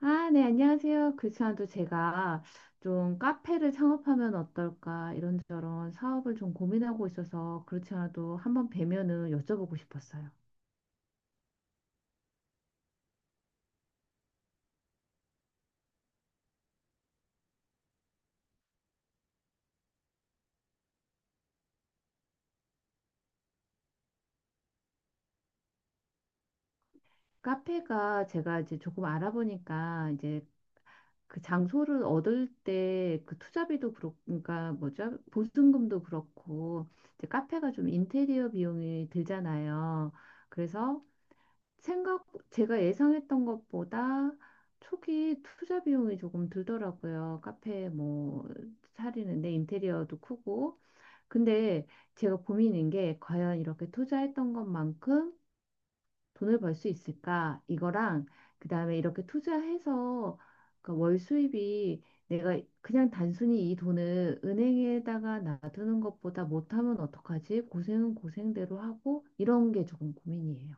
아, 네, 안녕하세요. 그지만도 제가 좀 카페를 창업하면 어떨까 이런저런 사업을 좀 고민하고 있어서 그렇지 않아도 한번 뵈면은 여쭤보고 싶었어요. 카페가 제가 이제 조금 알아보니까 이제 그 장소를 얻을 때 그 투자비도 그렇고, 그러니까 뭐죠? 보증금도 그렇고, 이제 카페가 좀 인테리어 비용이 들잖아요. 그래서 생각, 제가 예상했던 것보다 초기 투자 비용이 조금 들더라고요. 카페 뭐 차리는데 인테리어도 크고. 근데 제가 고민인 게 과연 이렇게 투자했던 것만큼 돈을 벌 수 있을까? 이거랑 그다음에 이렇게 투자해서 그월 수입이 내가 그냥 단순히 이 돈을 은행에다가 놔두는 것보다 못하면 어떡하지? 고생은 고생대로 하고 이런 게 조금 고민이에요.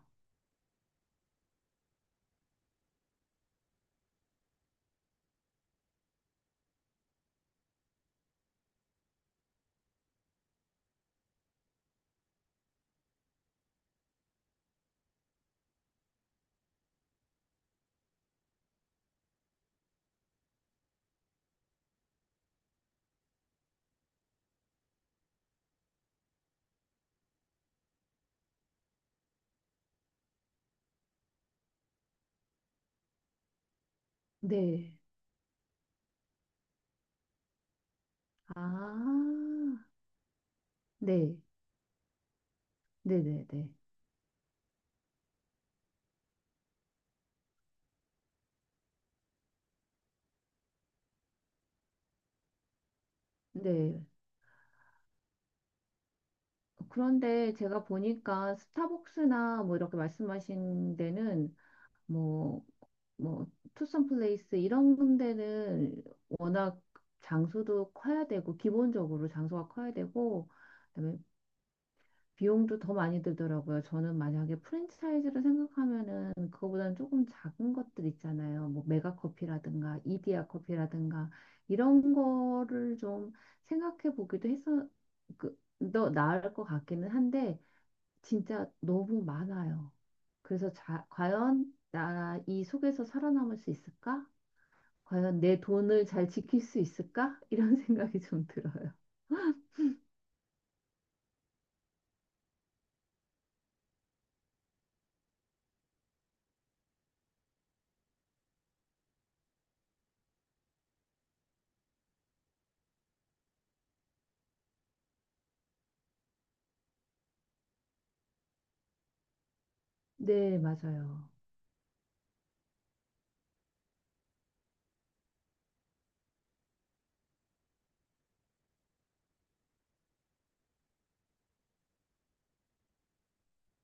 네. 아, 네, 네네네. 네. 그런데 제가 보니까 스타벅스나 뭐 이렇게 말씀하신 데는 뭐, 뭐, 투썸 플레이스 이런 데는 워낙 장소도 커야 되고, 기본적으로 장소가 커야 되고, 그다음에 비용도 더 많이 들더라고요. 저는 만약에 프랜차이즈를 생각하면은 그거보다는 조금 작은 것들 있잖아요. 뭐 메가커피라든가 이디야 커피라든가 이런 거를 좀 생각해 보기도 해서 그더 나을 것 같기는 한데 진짜 너무 많아요. 그래서 자, 과연 나 이 속에서 살아남을 수 있을까? 과연 내 돈을 잘 지킬 수 있을까? 이런 생각이 좀 들어요. 네, 맞아요.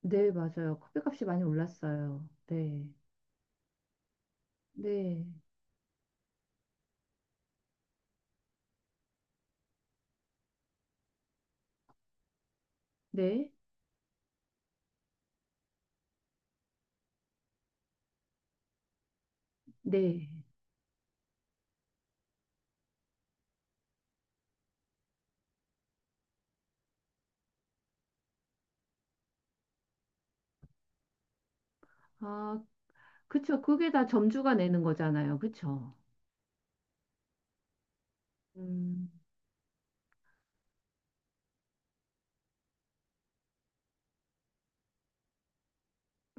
네, 맞아요. 커피값이 많이 올랐어요. 네. 네. 네. 네. 아, 그쵸. 그게 다 점주가 내는 거잖아요. 그쵸. 음,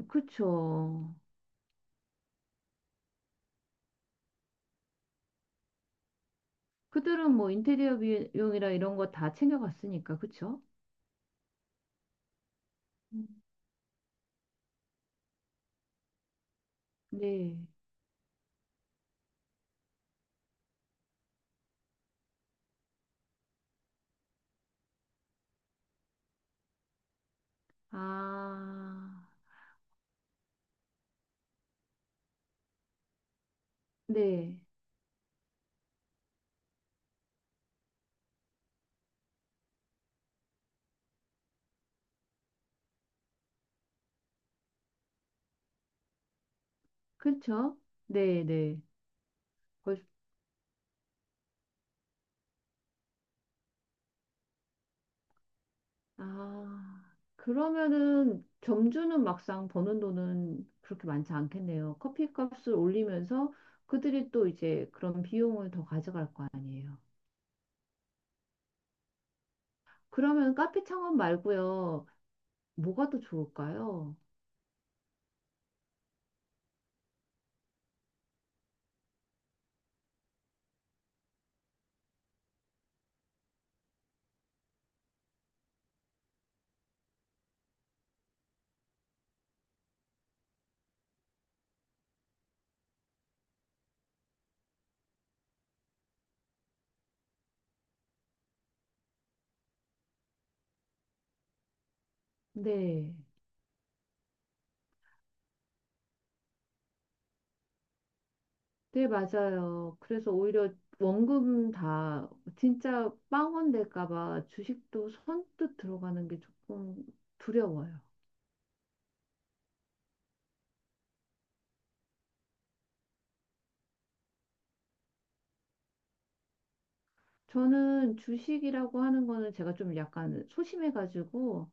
그쵸. 그들은 뭐 인테리어 비용이라 이런 거 다 챙겨갔으니까. 그쵸. 음, 네. 아, 네. 그쵸. 네, 네. 아, 그러면은 점주는 막상 버는 돈은 그렇게 많지 않겠네요. 커피값을 올리면서 그들이 또 이제 그런 비용을 더 가져갈 거 아니에요. 그러면 카페 창업 말고요. 뭐가 더 좋을까요? 네. 네, 맞아요. 그래서 오히려 원금 다 진짜 빵원 될까 봐 주식도 선뜻 들어가는 게 조금 두려워요. 저는 주식이라고 하는 거는 제가 좀 약간 소심해가지고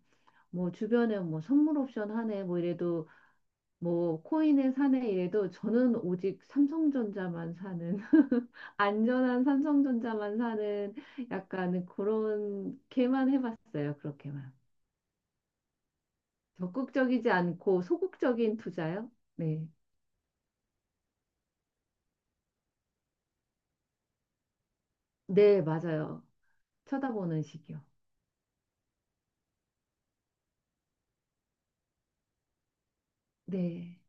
뭐 주변에 뭐 선물 옵션 하네 뭐 이래도 뭐 코인에 사네 이래도 저는 오직 삼성전자만 사는 안전한 삼성전자만 사는 약간 그런 게만 해봤어요. 그렇게만. 적극적이지 않고 소극적인 투자요? 네. 네, 맞아요. 쳐다보는 식이요. 네.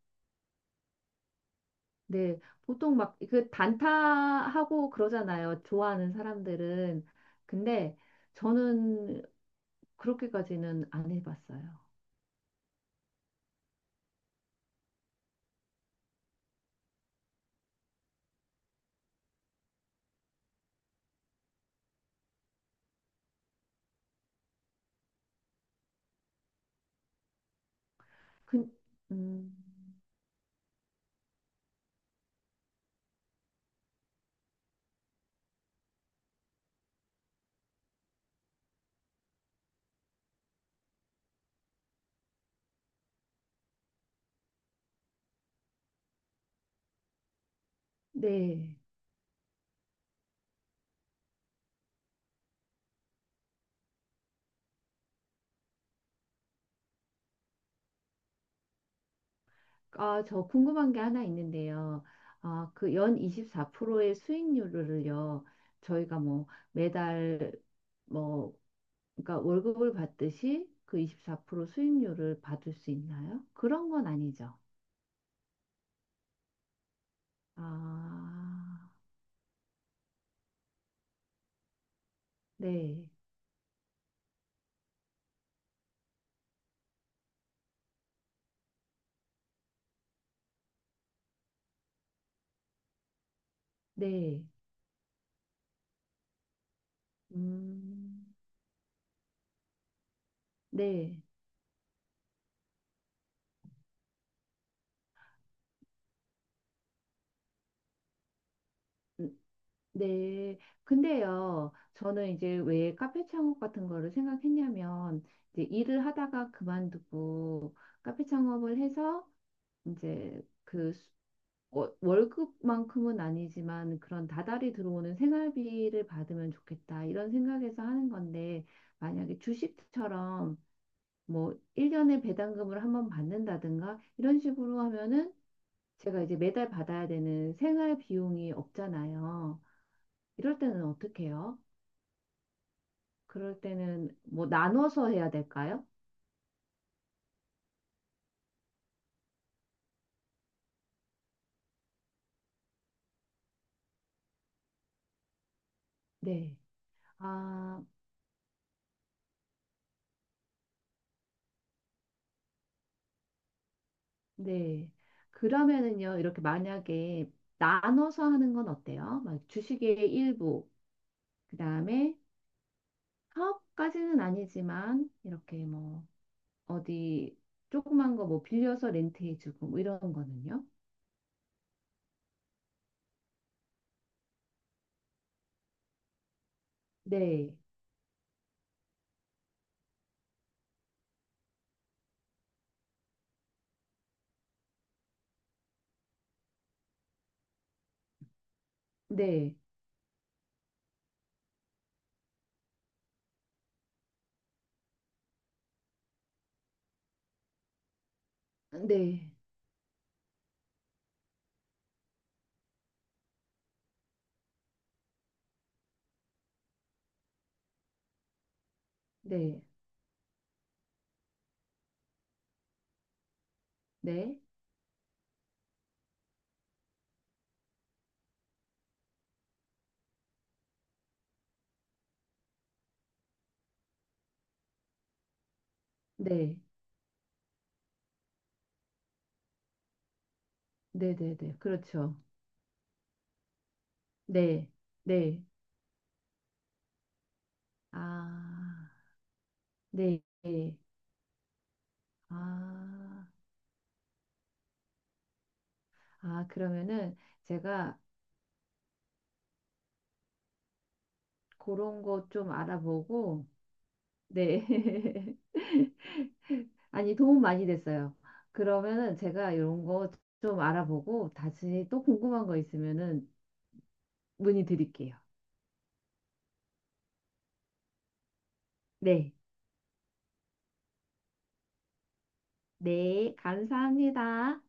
네. 보통 막 그 단타하고 그러잖아요. 좋아하는 사람들은. 근데 저는 그렇게까지는 안 해봤어요. 근, 음, 네. 아, 저 궁금한 게 하나 있는데요. 아, 그 연 24%의 수익률을요, 저희가 뭐 매달 뭐, 그러니까 월급을 받듯이 그 24% 수익률을 받을 수 있나요? 그런 건 아니죠. 아, 네. 네. 음, 네. 네. 근데요, 저는 이제 왜 카페 창업 같은 거를 생각했냐면, 이제 일을 하다가 그만두고 카페 창업을 해서 이제 그 수- 월급만큼은 아니지만 그런 다달이 들어오는 생활비를 받으면 좋겠다. 이런 생각에서 하는 건데, 만약에 주식처럼 뭐 1년에 배당금을 한번 받는다든가 이런 식으로 하면은 제가 이제 매달 받아야 되는 생활 비용이 없잖아요. 이럴 때는 어떻게 해요? 그럴 때는 뭐 나눠서 해야 될까요? 네. 아, 네. 그러면은요, 이렇게 만약에 나눠서 하는 건 어때요? 막 주식의 일부, 그다음에 사업까지는 아니지만 이렇게 뭐 어디 조그만 거 뭐 빌려서 렌트해주고 뭐 이런 거는요? 네, 네, 네, 네, 네, 네, 네, 네, 네, 그렇죠. 네, 네, 아, 네, 아. 아, 그러면은 제가 그런 거 좀 알아보고, 네. 아니, 도움 많이 됐어요. 그러면은 제가 이런 거 좀 알아보고 다시 또 궁금한 거 있으면은 문의 드릴게요. 네. 네. 감사합니다.